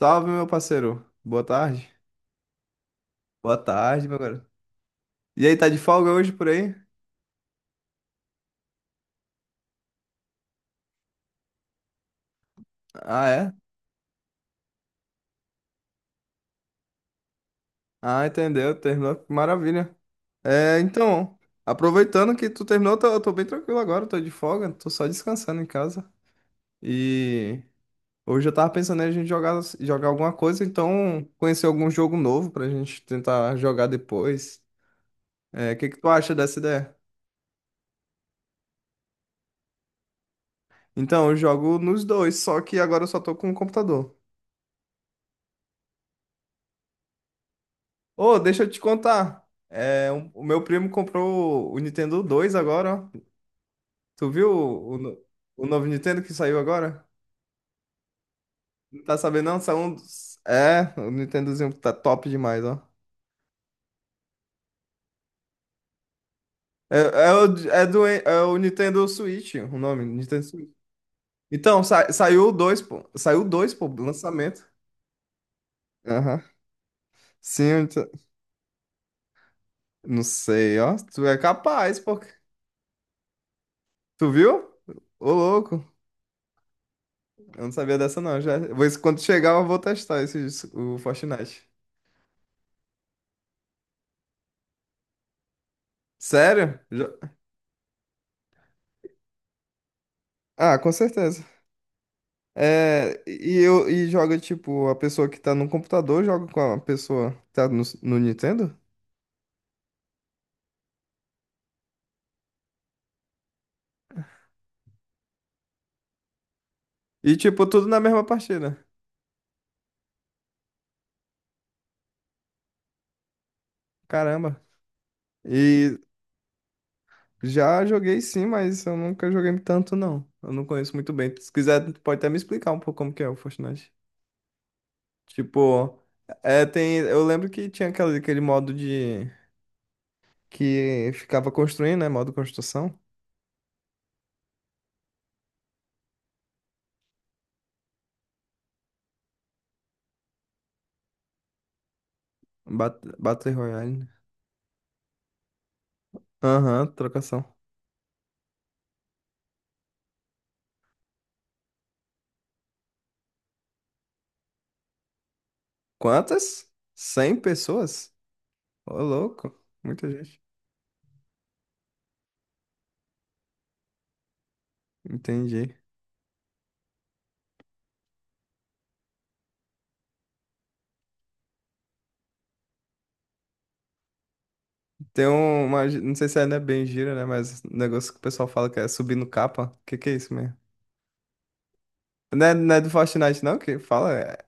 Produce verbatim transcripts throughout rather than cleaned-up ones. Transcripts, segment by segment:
Salve, meu parceiro. Boa tarde. Boa tarde, meu garoto. E aí, tá de folga hoje por aí? Ah, é? Ah, entendeu. Terminou. Que maravilha. É, então, aproveitando que tu terminou, eu tô, eu tô bem tranquilo agora, tô de folga, tô só descansando em casa. E hoje eu tava pensando em a gente jogar, jogar alguma coisa, então conhecer algum jogo novo pra gente tentar jogar depois. É, o que que tu acha dessa ideia? Então, eu jogo nos dois, só que agora eu só tô com o computador. Ô, deixa eu te contar. É, um- o meu primo comprou o Nintendo dois agora, ó. Tu viu o, o no- o novo Nintendo que saiu agora? Não tá sabendo não? Saiu um dos... É, o Nintendozinho tá top demais, ó. É, é o, é do, é o Nintendo Switch, o nome, Nintendo Switch. Então, sa- saiu o dois, pô. Saiu o dois, pô, lançamento. Aham. Sim, eu ent- não sei, ó. Tu é capaz, pô. Tu viu? Ô, louco. Eu não sabia dessa não, já. Vou- Quando chegar, eu vou testar esse, o Fortnite. Sério? Jo- Ah, com certeza. É, e eu e joga tipo a pessoa que tá no computador joga com a pessoa que tá no, no Nintendo? E tipo tudo na mesma partida. Caramba. E já joguei sim, mas eu nunca joguei tanto não. Eu não conheço muito bem. Se quiser, pode até me explicar um pouco como que é o Fortnite. Tipo, é, tem, eu lembro que tinha aquele, aquele modo de que ficava construindo, né? Modo construção, Bat- Battle Royale, né? Aham, trocação. Quantas? Cem pessoas? Ô, louco. Muita gente. Entendi. Tem um- uma. Não sei se ainda é bem gira, né? Mas um negócio que o pessoal fala que é subir no capa. O que que é isso mesmo? Não é, não é do Fortnite, não? Que fala. É,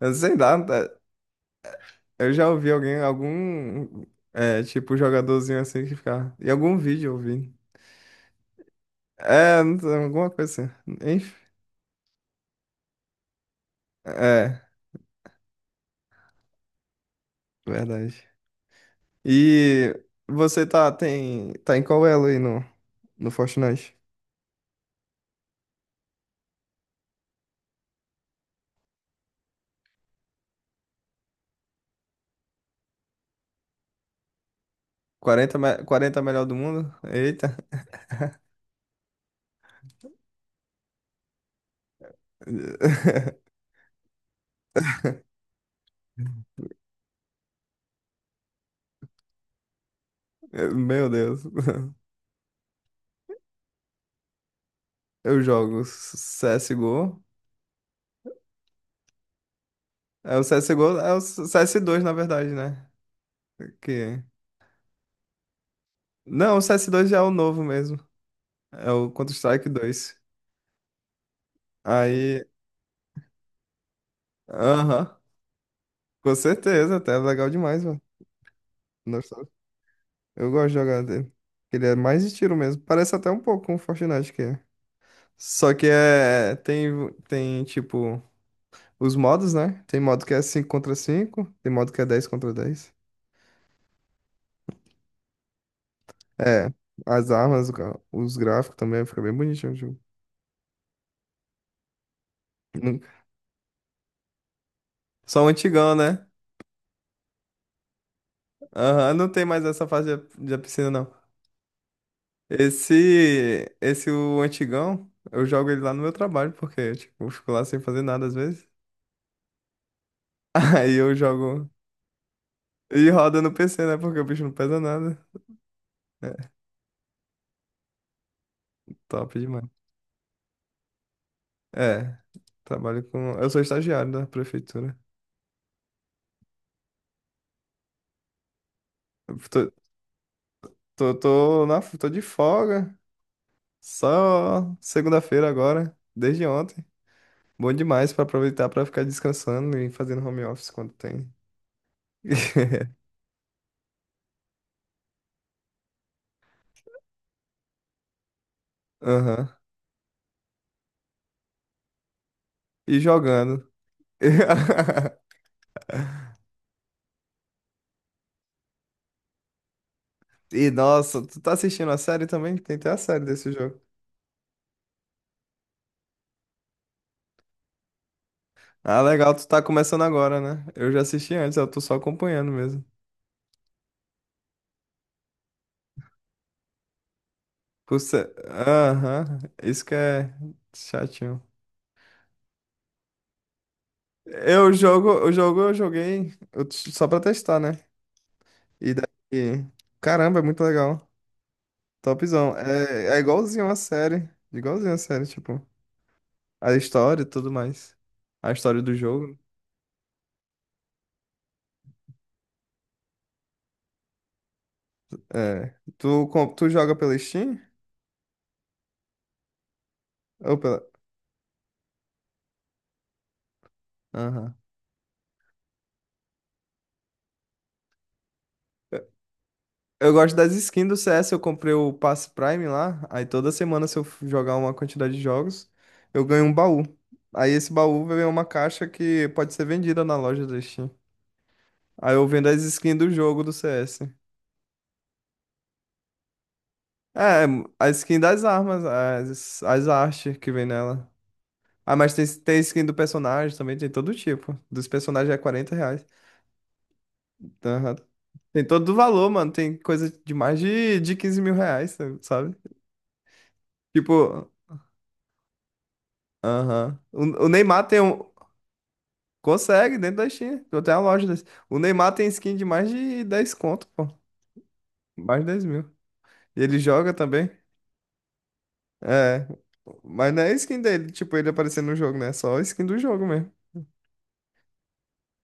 eu sei lá. É, eu já ouvi alguém, algum. É, tipo, jogadorzinho assim que ficava. Em algum vídeo eu ouvi. É, não sei, alguma coisa assim. Enfim. É, verdade. E você tá, tem, tá em qual elo aí no, no Fortnite? quarenta me- quarenta melhor do mundo? Eita. Meu Deus. Eu jogo C S G O. É o C S G O, é o cs dois na verdade, né? Que... Não, o cs dois já é o novo mesmo. É o Counter-Strike dois. Aí, aham, com certeza, até é legal demais, mano. Nostálgico. Eu gosto de jogar dele. Ele é mais de tiro mesmo. Parece até um pouco com o Fortnite que é. Só que é. Tem, tem tipo. Os modos, né? Tem modo que é cinco contra cinco, tem modo que é dez contra dez. É, as armas, gra- os gráficos também, fica bem bonitinho o jogo. Não- Só o antigão, né? Aham, não tem mais essa fase de- da piscina, não. Esse, esse o antigão, eu jogo ele lá no meu trabalho, porque, tipo, eu fico lá sem fazer nada às vezes. Aí eu jogo e roda no P C, né? Porque o bicho não pesa nada. É, top demais. É, trabalho com... Eu sou estagiário da prefeitura. Tô, tô, na, tô de folga. Só segunda-feira agora, desde ontem. Bom demais pra aproveitar pra ficar descansando e fazendo home office quando tem. Aham. E jogando. E nossa, tu tá assistindo a série também? Tem até a série desse jogo. Ah, legal, tu tá começando agora, né? Eu já assisti antes, eu tô só acompanhando mesmo. Por ser- Aham, isso que é chatinho. Eu jogo, o jogo eu joguei eu t- só pra testar, né? E daí. Caramba, é muito legal. Topzão. É, é igualzinho a série. Igualzinho a série, tipo. A história e tudo mais. A história do jogo. É. Tu, com- tu joga pela Steam? Ou pela. Aham. Eu eu gosto das skins do C S, eu comprei o Pass Prime lá, aí toda semana se eu f- jogar uma quantidade de jogos, eu ganho um baú. Aí esse baú vem uma caixa que pode ser vendida na loja da Steam. Aí eu vendo as skins do jogo do C S. É, a skin das armas, as, as artes que vem nela. Ah, mas tem, tem skin do personagem também, tem todo tipo. Dos personagens é quarenta reais. Aham. Tem todo o valor, mano. Tem coisa de mais de, de quinze mil reais, sabe? Tipo, aham. O, o Neymar tem um. Consegue dentro da Steam. Eu tenho a loja desse. O Neymar tem skin de mais de dez conto, pô. Mais de dez mil. E ele joga também. É. Mas não é skin dele, tipo, ele aparecendo no jogo, né? É só a skin do jogo mesmo.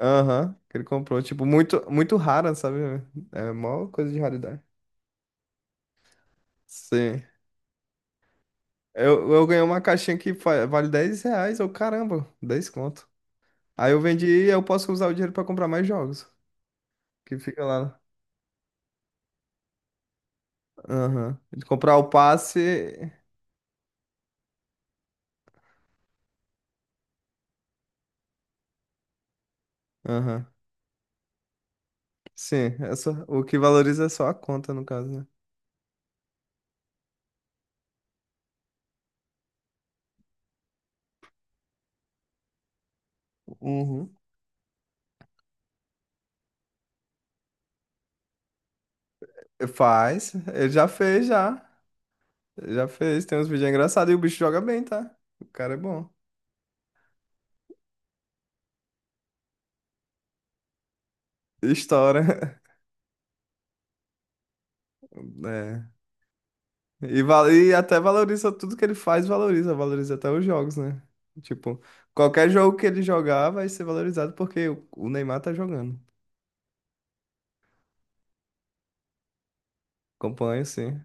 Aham, que ele comprou. Tipo, muito, muito rara, sabe? É mó coisa de raridade. Sim. Eu, eu ganhei uma caixinha que fa- vale dez reais. Eu, caramba, dez conto. Aí eu vendi e eu posso usar o dinheiro pra comprar mais jogos. Que fica lá. Aham. De comprar o passe. Aham. Sim, é só, o que valoriza é só a conta, no caso, né? Uhum. Faz. Ele já fez, já. Ele já fez. Tem uns vídeos engraçados e o bicho joga bem, tá? O cara é bom. Estoura. É. E, val- e até valoriza tudo que ele faz, valoriza, valoriza até os jogos, né? Tipo, qualquer jogo que ele jogar vai ser valorizado porque o o Neymar tá jogando. Acompanha, sim.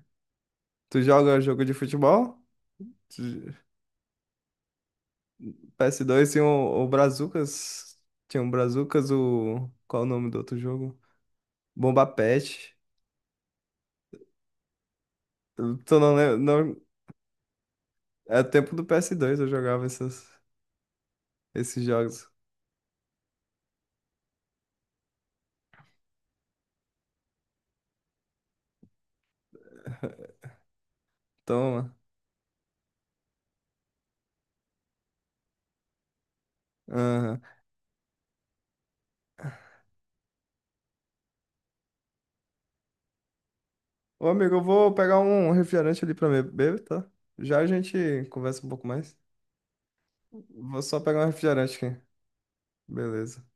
Tu joga jogo de futebol? Tu- P S dois tinha o, o Brazucas. Tinha um Brazucas, o. Qual o nome do outro jogo? Bomba Pet. Tu tu não lembra. Não... É tempo do P S dois eu jogava essas, esses jogos. Toma. Ô, amigo, eu vou pegar um refrigerante ali pra me beber, tá? Já a gente conversa um pouco mais. Vou só pegar um refrigerante aqui. Beleza.